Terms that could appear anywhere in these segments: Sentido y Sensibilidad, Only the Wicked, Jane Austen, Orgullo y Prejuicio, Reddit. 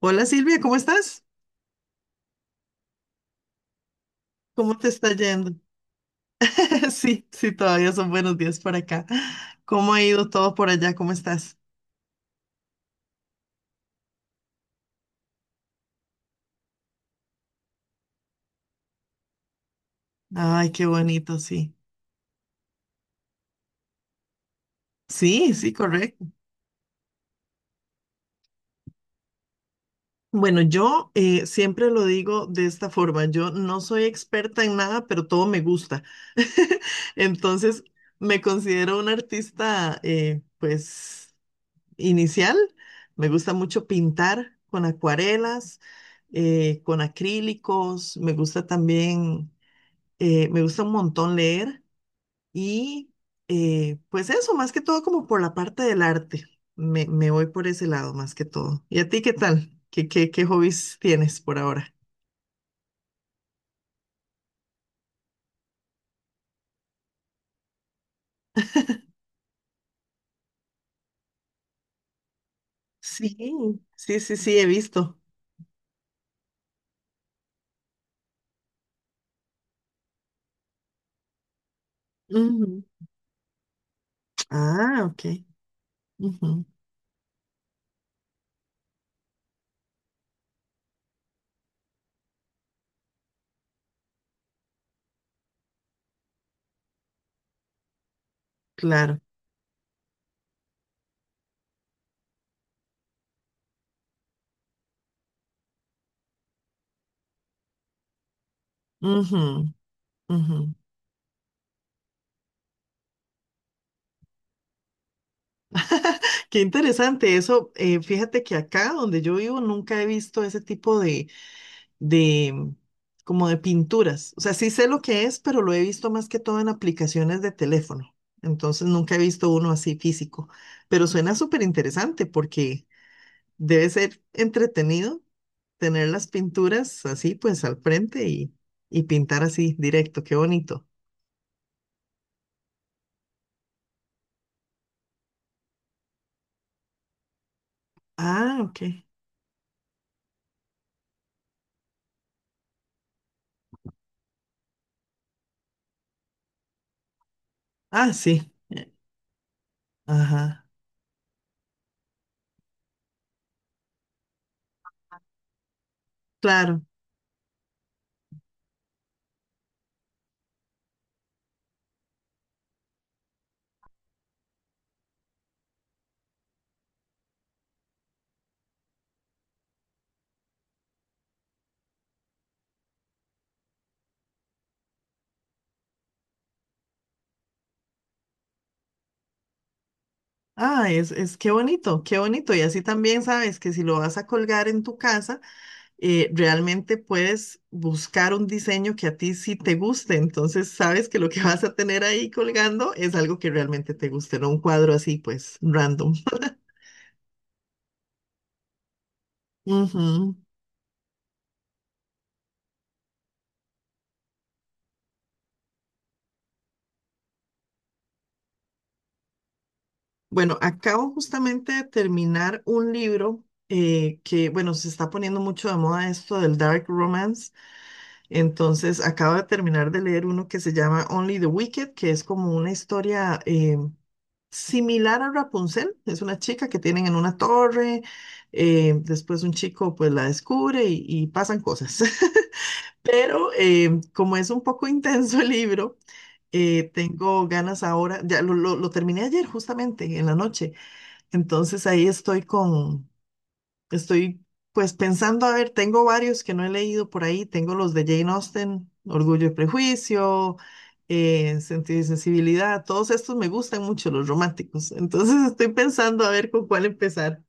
Hola Silvia, ¿cómo estás? ¿Cómo te está yendo? Sí, sí, todavía son buenos días por acá. ¿Cómo ha ido todo por allá? ¿Cómo estás? Ay, qué bonito, sí. Sí, sí, correcto. Bueno, yo siempre lo digo de esta forma, yo no soy experta en nada, pero todo me gusta. Entonces, me considero una artista, pues, inicial. Me gusta mucho pintar con acuarelas, con acrílicos, me gusta también. Me gusta un montón leer y pues eso, más que todo como por la parte del arte. Me voy por ese lado más que todo. ¿Y a ti qué tal? ¿Qué hobbies tienes por ahora? Sí, sí, he visto. Ujú. Ah, ok. Ujú. Claro. Ujú, ujú. Qué interesante eso. Fíjate que acá donde yo vivo nunca he visto ese tipo de como de pinturas. O sea, sí sé lo que es, pero lo he visto más que todo en aplicaciones de teléfono. Entonces nunca he visto uno así físico. Pero suena súper interesante porque debe ser entretenido tener las pinturas así pues al frente y pintar así directo. Qué bonito. Ah, ok. Ah, sí. Ajá. Claro. Ah, es qué bonito, qué bonito. Y así también sabes que si lo vas a colgar en tu casa, realmente puedes buscar un diseño que a ti sí te guste. Entonces sabes que lo que vas a tener ahí colgando es algo que realmente te guste, no un cuadro así, pues, random. Ujú. Bueno, acabo justamente de terminar un libro que, bueno, se está poniendo mucho de moda esto del dark romance. Entonces, acabo de terminar de leer uno que se llama Only the Wicked, que es como una historia, similar a Rapunzel, es una chica que tienen en una torre, después un chico pues la descubre y pasan cosas. Pero como es un poco intenso el libro, tengo ganas ahora, ya lo terminé ayer justamente en la noche, entonces ahí estoy con. Estoy Pues pensando, a ver, tengo varios que no he leído por ahí, tengo los de Jane Austen, Orgullo y Prejuicio, Sentido y Sensibilidad, todos estos me gustan mucho, los románticos, entonces estoy pensando a ver con cuál empezar.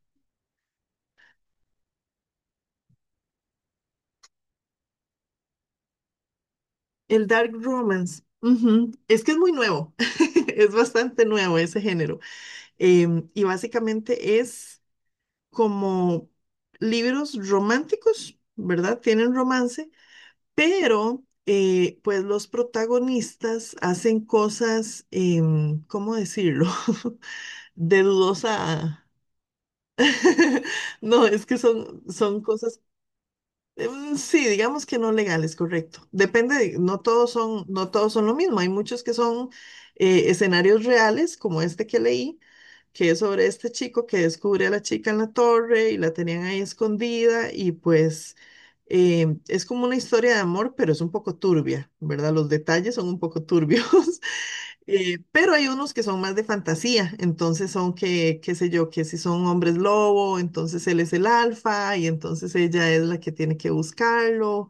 El Dark Romance, ujú. Es que es muy nuevo, es bastante nuevo ese género, y básicamente es como libros románticos, ¿verdad? Tienen romance. Pero, pues los protagonistas hacen cosas, ¿cómo decirlo? De dudosa. No, es que son, son cosas, sí, digamos que no legales, correcto. Depende de- no todos son, no todos son lo mismo. Hay muchos que son escenarios reales, como este que leí, que es sobre este chico que descubre a la chica en la torre y la tenían ahí escondida y pues es como una historia de amor, pero es un poco turbia, ¿verdad? Los detalles son un poco turbios. Pero hay unos que son más de fantasía, entonces son que, qué sé yo, que si son hombres lobo, entonces él es el alfa y entonces ella es la que tiene que buscarlo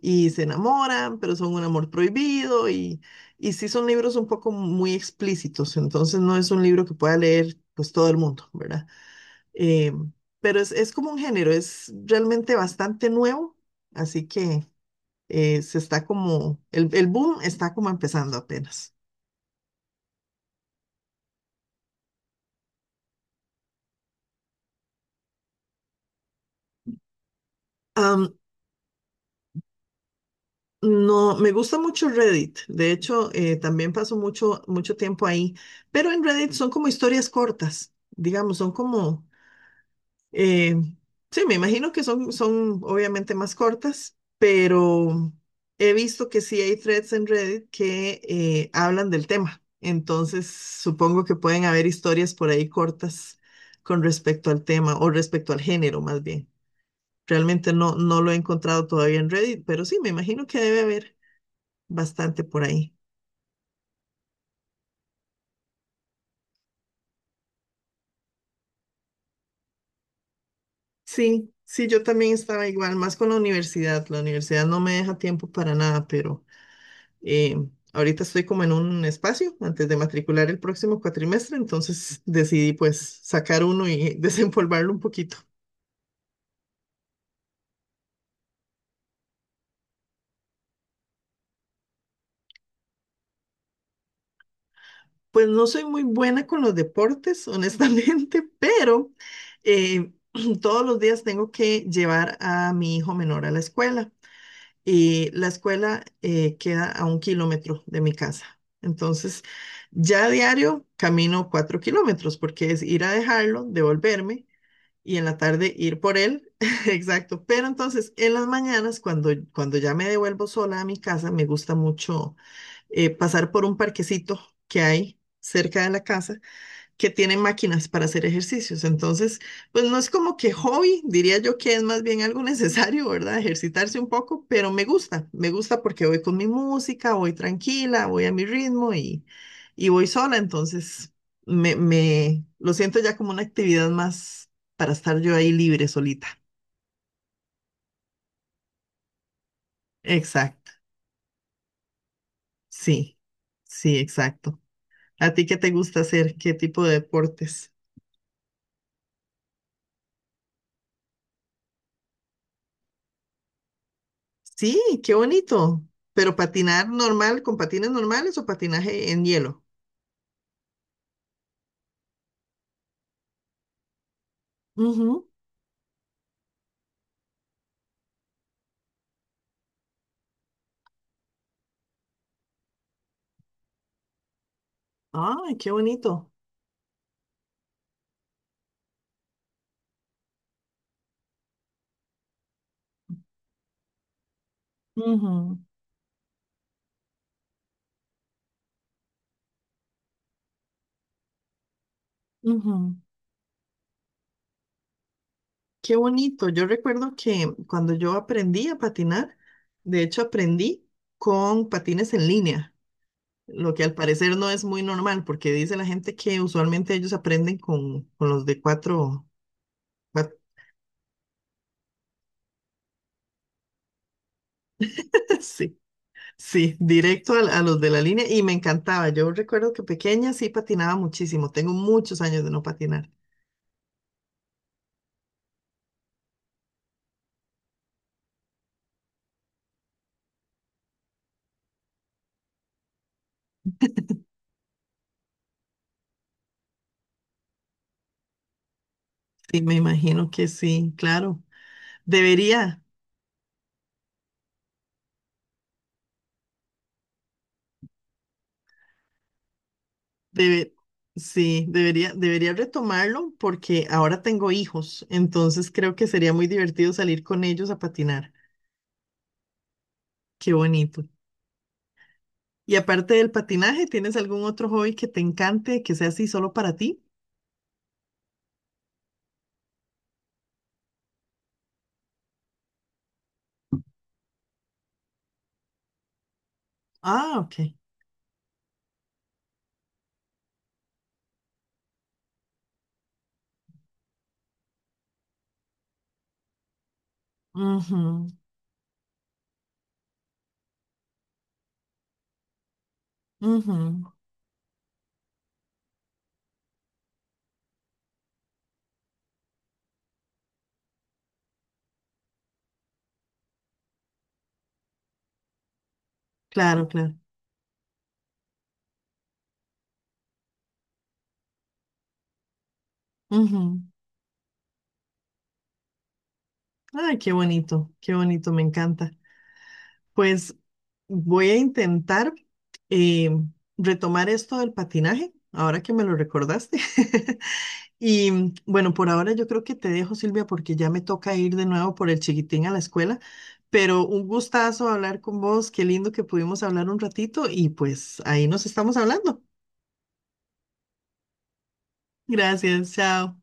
y se enamoran, pero son un amor prohibido y sí son libros un poco muy explícitos, entonces no es un libro que pueda leer pues todo el mundo, ¿verdad? Eh, pero es como un género, es realmente bastante nuevo, así que se está como, el boom está como empezando apenas. Am, No, me gusta mucho Reddit. De hecho, también paso mucho tiempo ahí. Pero en Reddit son como historias cortas, digamos, son como, eh, sí, me imagino que son, son obviamente más cortas, pero he visto que sí hay threads en Reddit que hablan del tema. Entonces, supongo que pueden haber historias por ahí cortas con respecto al tema o respecto al género, más bien. Realmente no, no lo he encontrado todavía en Reddit, pero sí, me imagino que debe haber bastante por ahí. Sí, sí, yo también estaba igual, más con la universidad. La universidad no me deja tiempo para nada, pero eh, ahorita estoy como en un espacio antes de matricular el próximo cuatrimestre, entonces decidí pues sacar uno y desempolvarlo un poquito. Pues no soy muy buena con los deportes, honestamente, pero eh, todos los días tengo que llevar a mi hijo menor a la escuela, y la escuela queda a un kilómetro de mi casa. Entonces, ya a diario camino cuatro kilómetros porque es ir a dejarlo, devolverme y en la tarde ir por él. Exacto. Pero entonces, en las mañanas, cuando ya me devuelvo sola a mi casa, me gusta mucho pasar por un parquecito que hay cerca de la casa que tienen máquinas para hacer ejercicios. Entonces, pues no es como que hobby, diría yo que es más bien algo necesario, ¿verdad? Ejercitarse un poco, pero me gusta porque voy con mi música, voy tranquila, voy a mi ritmo y voy sola. Entonces, me lo siento ya como una actividad más para estar yo ahí libre, solita. Exacto, sí, sí, exacto. ¿A ti qué te gusta hacer? ¿Qué tipo de deportes? Sí, qué bonito. Pero patinar normal, ¿con patines normales o patinaje en hielo? Ujú. Ay, qué bonito. Ujú, ujú. Qué bonito. Yo recuerdo que cuando yo aprendí a patinar, de hecho aprendí con patines en línea, lo que al parecer no es muy normal, porque dice la gente que usualmente ellos aprenden con los de cuatro. Sí. Sí, directo al- a, los de la línea y me encantaba. Yo recuerdo que pequeña sí patinaba muchísimo. Tengo muchos años de no patinar. Sí, me imagino que sí, claro. Debería, debe, sí, debería, debería retomarlo porque ahora tengo hijos, entonces creo que sería muy divertido salir con ellos a patinar. Qué bonito. Y aparte del patinaje, ¿tienes algún otro hobby que te encante, que sea así solo para ti? Ah, ok. Ujú, ujú. Claro, claro. Ujú. Ay, qué bonito, me encanta. Pues voy a intentar eh, retomar esto del patinaje, ahora que me lo recordaste. Y mm, bueno, por ahora yo creo que te dejo, Silvia, porque ya me toca ir de nuevo por el chiquitín a la escuela, pero un gustazo hablar con vos, qué lindo que pudimos hablar un ratito y pues ahí nos estamos hablando. Gracias, chao.